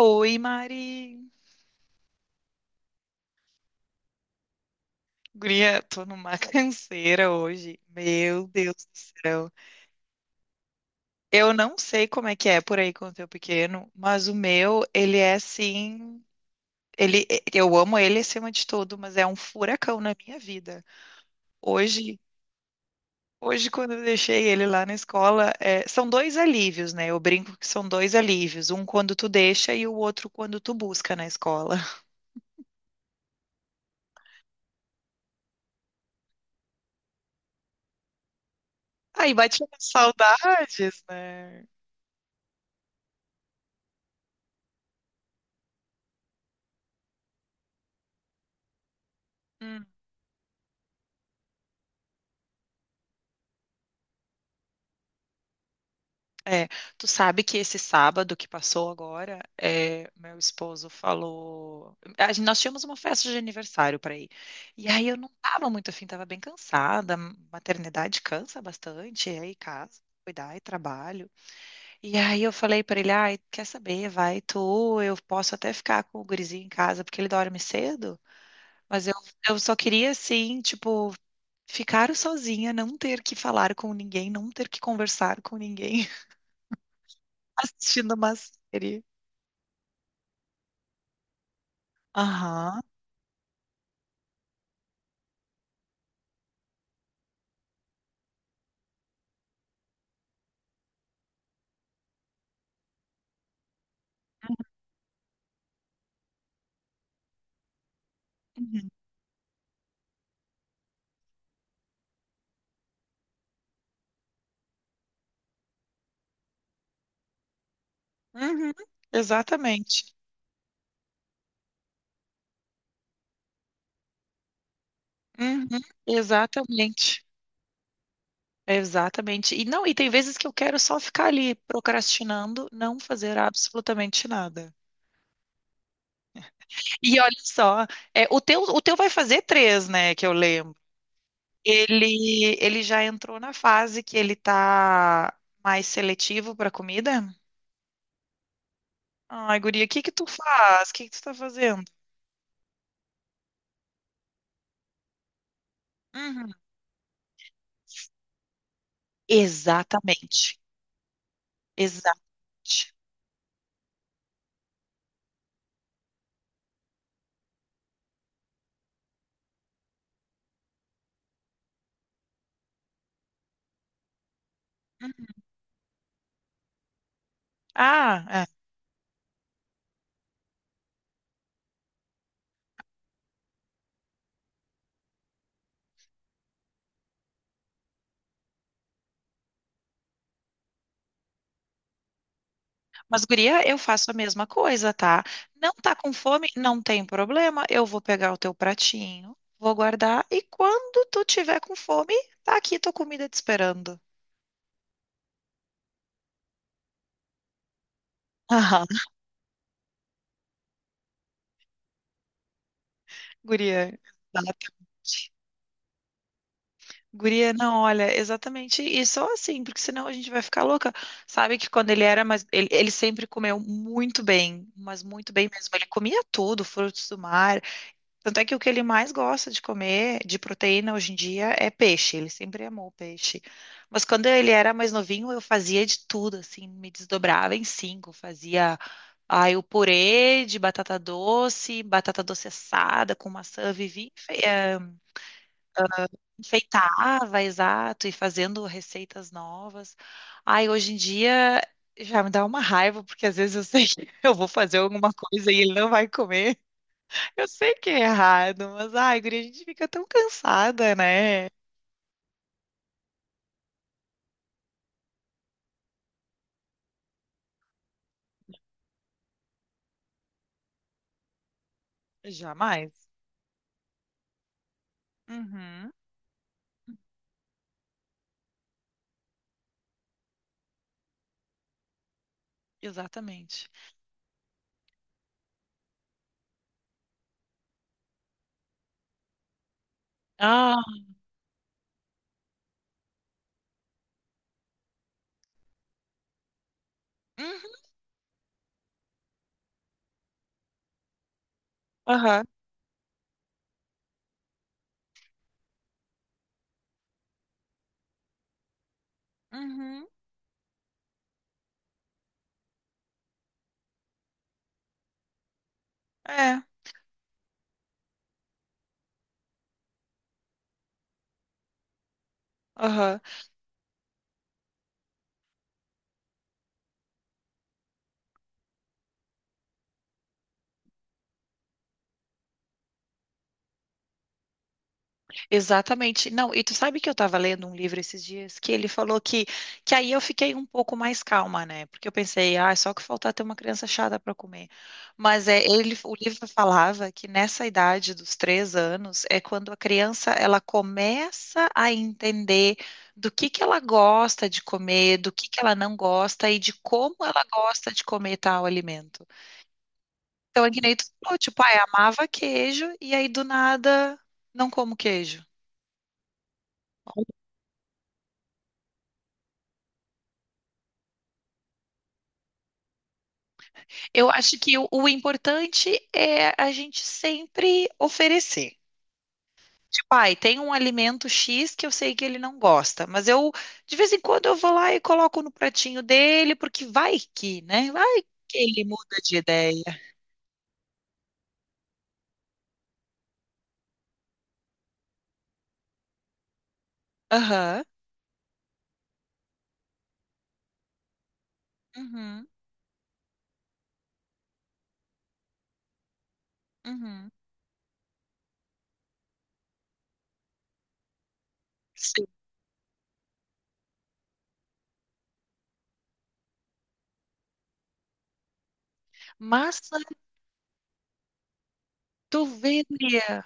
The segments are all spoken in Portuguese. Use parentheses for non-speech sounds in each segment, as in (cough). Oi, Mari. Guria, tô numa (laughs) canseira hoje. Meu Deus do céu. Eu não sei como é que é por aí com o teu pequeno, mas o meu, ele é assim. Ele, eu amo ele acima de tudo, mas é um furacão na minha vida. Hoje, hoje quando eu deixei ele lá na escola, são dois alívios, né? Eu brinco que são dois alívios, um quando tu deixa e o outro quando tu busca na escola. (laughs) Aí bate umas saudades, né? É, tu sabe que esse sábado que passou agora, meu esposo falou. Nós tínhamos uma festa de aniversário para ir. E aí eu não tava muito afim, tava bem cansada. Maternidade cansa bastante, e aí casa, cuidar e trabalho. E aí eu falei para ele: ai, quer saber? Vai tu, eu posso até ficar com o gurizinho em casa, porque ele dorme cedo. Mas eu só queria, assim, tipo, ficar sozinha, não ter que falar com ninguém, não ter que conversar com ninguém assistindo uma série. Aham. Uhum. Uhum. Exatamente. Uhum. Exatamente. Exatamente. E não, e tem vezes que eu quero só ficar ali procrastinando, não fazer absolutamente nada. E olha só, é, o teu vai fazer 3, né, que eu lembro. Ele já entrou na fase que ele tá mais seletivo para comida? Ai, guria, o que que tu faz? O que que tu tá fazendo? Uhum. Exatamente. Exatamente. Ah, é. Mas, guria, eu faço a mesma coisa, tá? Não tá com fome? Não tem problema. Eu vou pegar o teu pratinho, vou guardar e quando tu tiver com fome, tá aqui tua comida te esperando. Aham. (laughs) Guria, exatamente. Guria, não, olha, exatamente isso só assim, porque senão a gente vai ficar louca. Sabe que quando ele era, mas ele sempre comeu muito bem, mas muito bem mesmo. Ele comia tudo, frutos do mar. Tanto é que o que ele mais gosta de comer de proteína hoje em dia é peixe. Ele sempre amou peixe. Mas quando ele era mais novinho, eu fazia de tudo, assim, me desdobrava em cinco. Fazia, aí o purê de batata doce assada com maçã, enfeitava, exato, e fazendo receitas novas. Ai hoje em dia já me dá uma raiva, porque às vezes eu sei que (laughs) eu vou fazer alguma coisa e ele não vai comer. Eu sei que é errado, mas ai, guria, a gente fica tão cansada, né? Jamais. Uhum, exatamente. Ah, uhum, aham, uhum, é, aham. Exatamente. Não, e tu sabe que eu estava lendo um livro esses dias que ele falou que aí eu fiquei um pouco mais calma, né? Porque eu pensei, ah, é só que faltar ter uma criança chata para comer. Mas é, ele, o livro falava que nessa idade dos 3 anos é quando a criança ela começa a entender do que ela gosta de comer, do que ela não gosta e de como ela gosta de comer tal alimento. Então, é que nem tu falou, tipo, ah, eu amava queijo e aí do nada não como queijo. Eu acho que o importante é a gente sempre oferecer. Tipo, ai, tem um alimento X que eu sei que ele não gosta, mas eu, de vez em quando, eu vou lá e coloco no pratinho dele, porque vai que, né? Vai que ele muda de ideia. Aham. Uhum. Uhum. Sim. Massa de ovelha.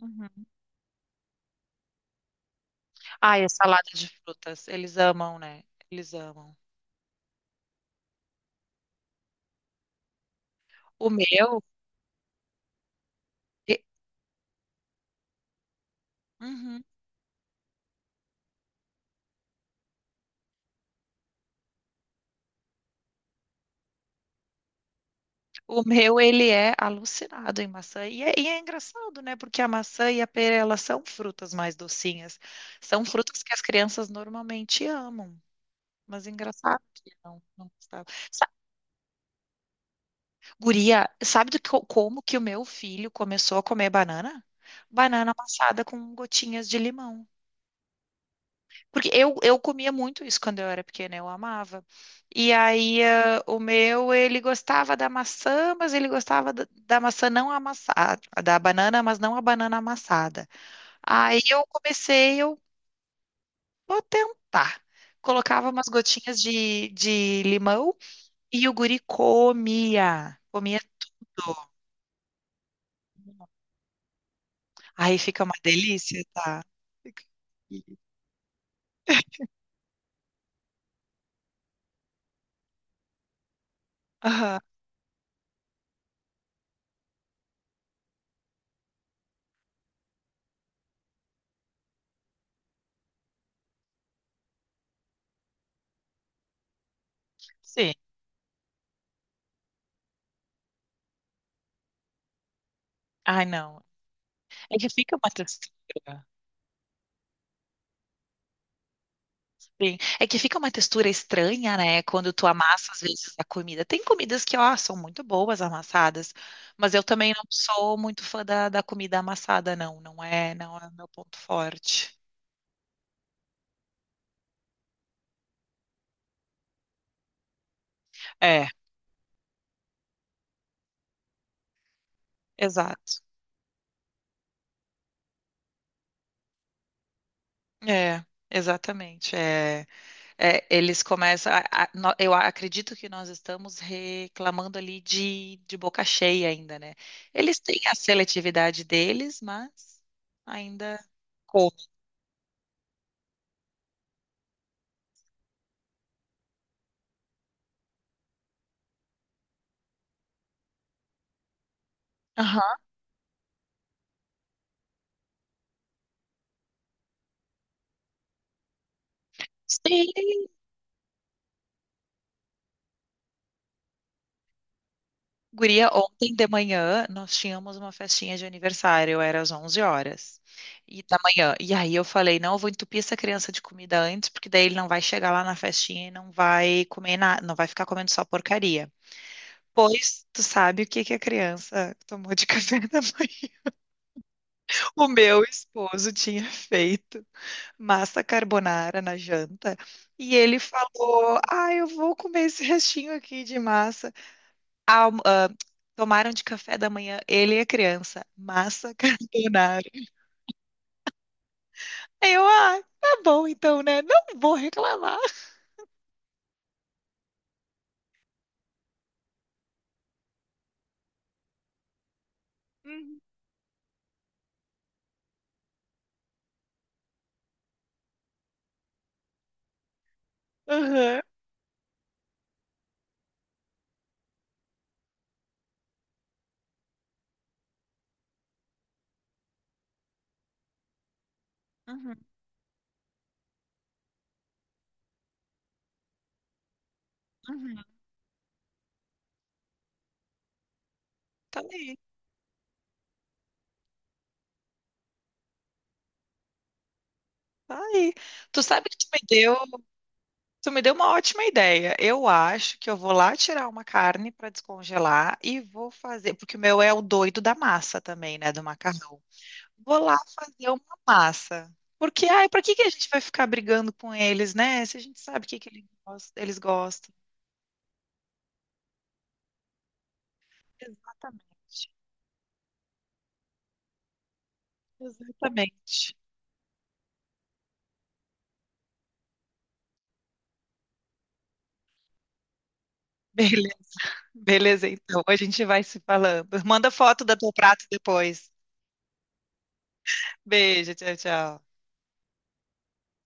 Uhum. Ai, a salada de frutas. Eles amam, né? Eles amam. O meu. e- Uhum. O meu, ele é alucinado em maçã. E é engraçado, né? Porque a maçã e a pera, elas são frutas mais docinhas. São frutas que as crianças normalmente amam. Mas é engraçado que não, não gostava. Sa- Guria, sabe do que, como que o meu filho começou a comer banana? Banana amassada com gotinhas de limão. Porque eu comia muito isso quando eu era pequena, eu amava. E aí, ah, o meu, ele gostava da maçã, mas ele gostava da, da, maçã não amassada, da banana, mas não a banana amassada. Aí eu vou tentar. Colocava umas gotinhas de limão e o guri comia, comia tudo. Aí fica uma delícia, tá? Fica- Aham. Sim. Ai, não. É que fica uma textura. Sim. É que fica uma textura estranha, né? Quando tu amassa, às vezes, a comida. Tem comidas que, ó, são muito boas amassadas, mas eu também não sou muito fã da, comida amassada, não. Não é o meu ponto forte. É, exato. É, exatamente. É, é, eles começam. Eu acredito que nós estamos reclamando ali de boca cheia ainda, né? Eles têm a seletividade deles, mas ainda. Como? Aham. Sim. Guria, ontem de manhã nós tínhamos uma festinha de aniversário, era às 11 horas e da manhã. E aí eu falei, não, eu vou entupir essa criança de comida antes, porque daí ele não vai chegar lá na festinha e não vai comer nada, não vai ficar comendo só porcaria. Pois tu sabe o que que a criança tomou de (laughs) café da manhã? O meu esposo tinha feito massa carbonara na janta e ele falou: "Ah, eu vou comer esse restinho aqui de massa". alm- ah, Tomaram de café da manhã, ele e a criança, massa carbonara. Aí eu, ah, tá bom então, né? Não vou reclamar. Uhum, aham, uhum, uhum. Tá aí, tá aí. Tu sabe que tu me deu uma ótima ideia. Eu acho que eu vou lá tirar uma carne para descongelar e vou fazer, porque o meu é o doido da massa também, né, do macarrão. Vou lá fazer uma massa. Porque, ai, pra que que a gente vai ficar brigando com eles, né? Se a gente sabe o que que eles gostam. Exatamente, exatamente. Beleza, beleza, então. A gente vai se falando. Manda foto do teu prato depois. Beijo, tchau, tchau.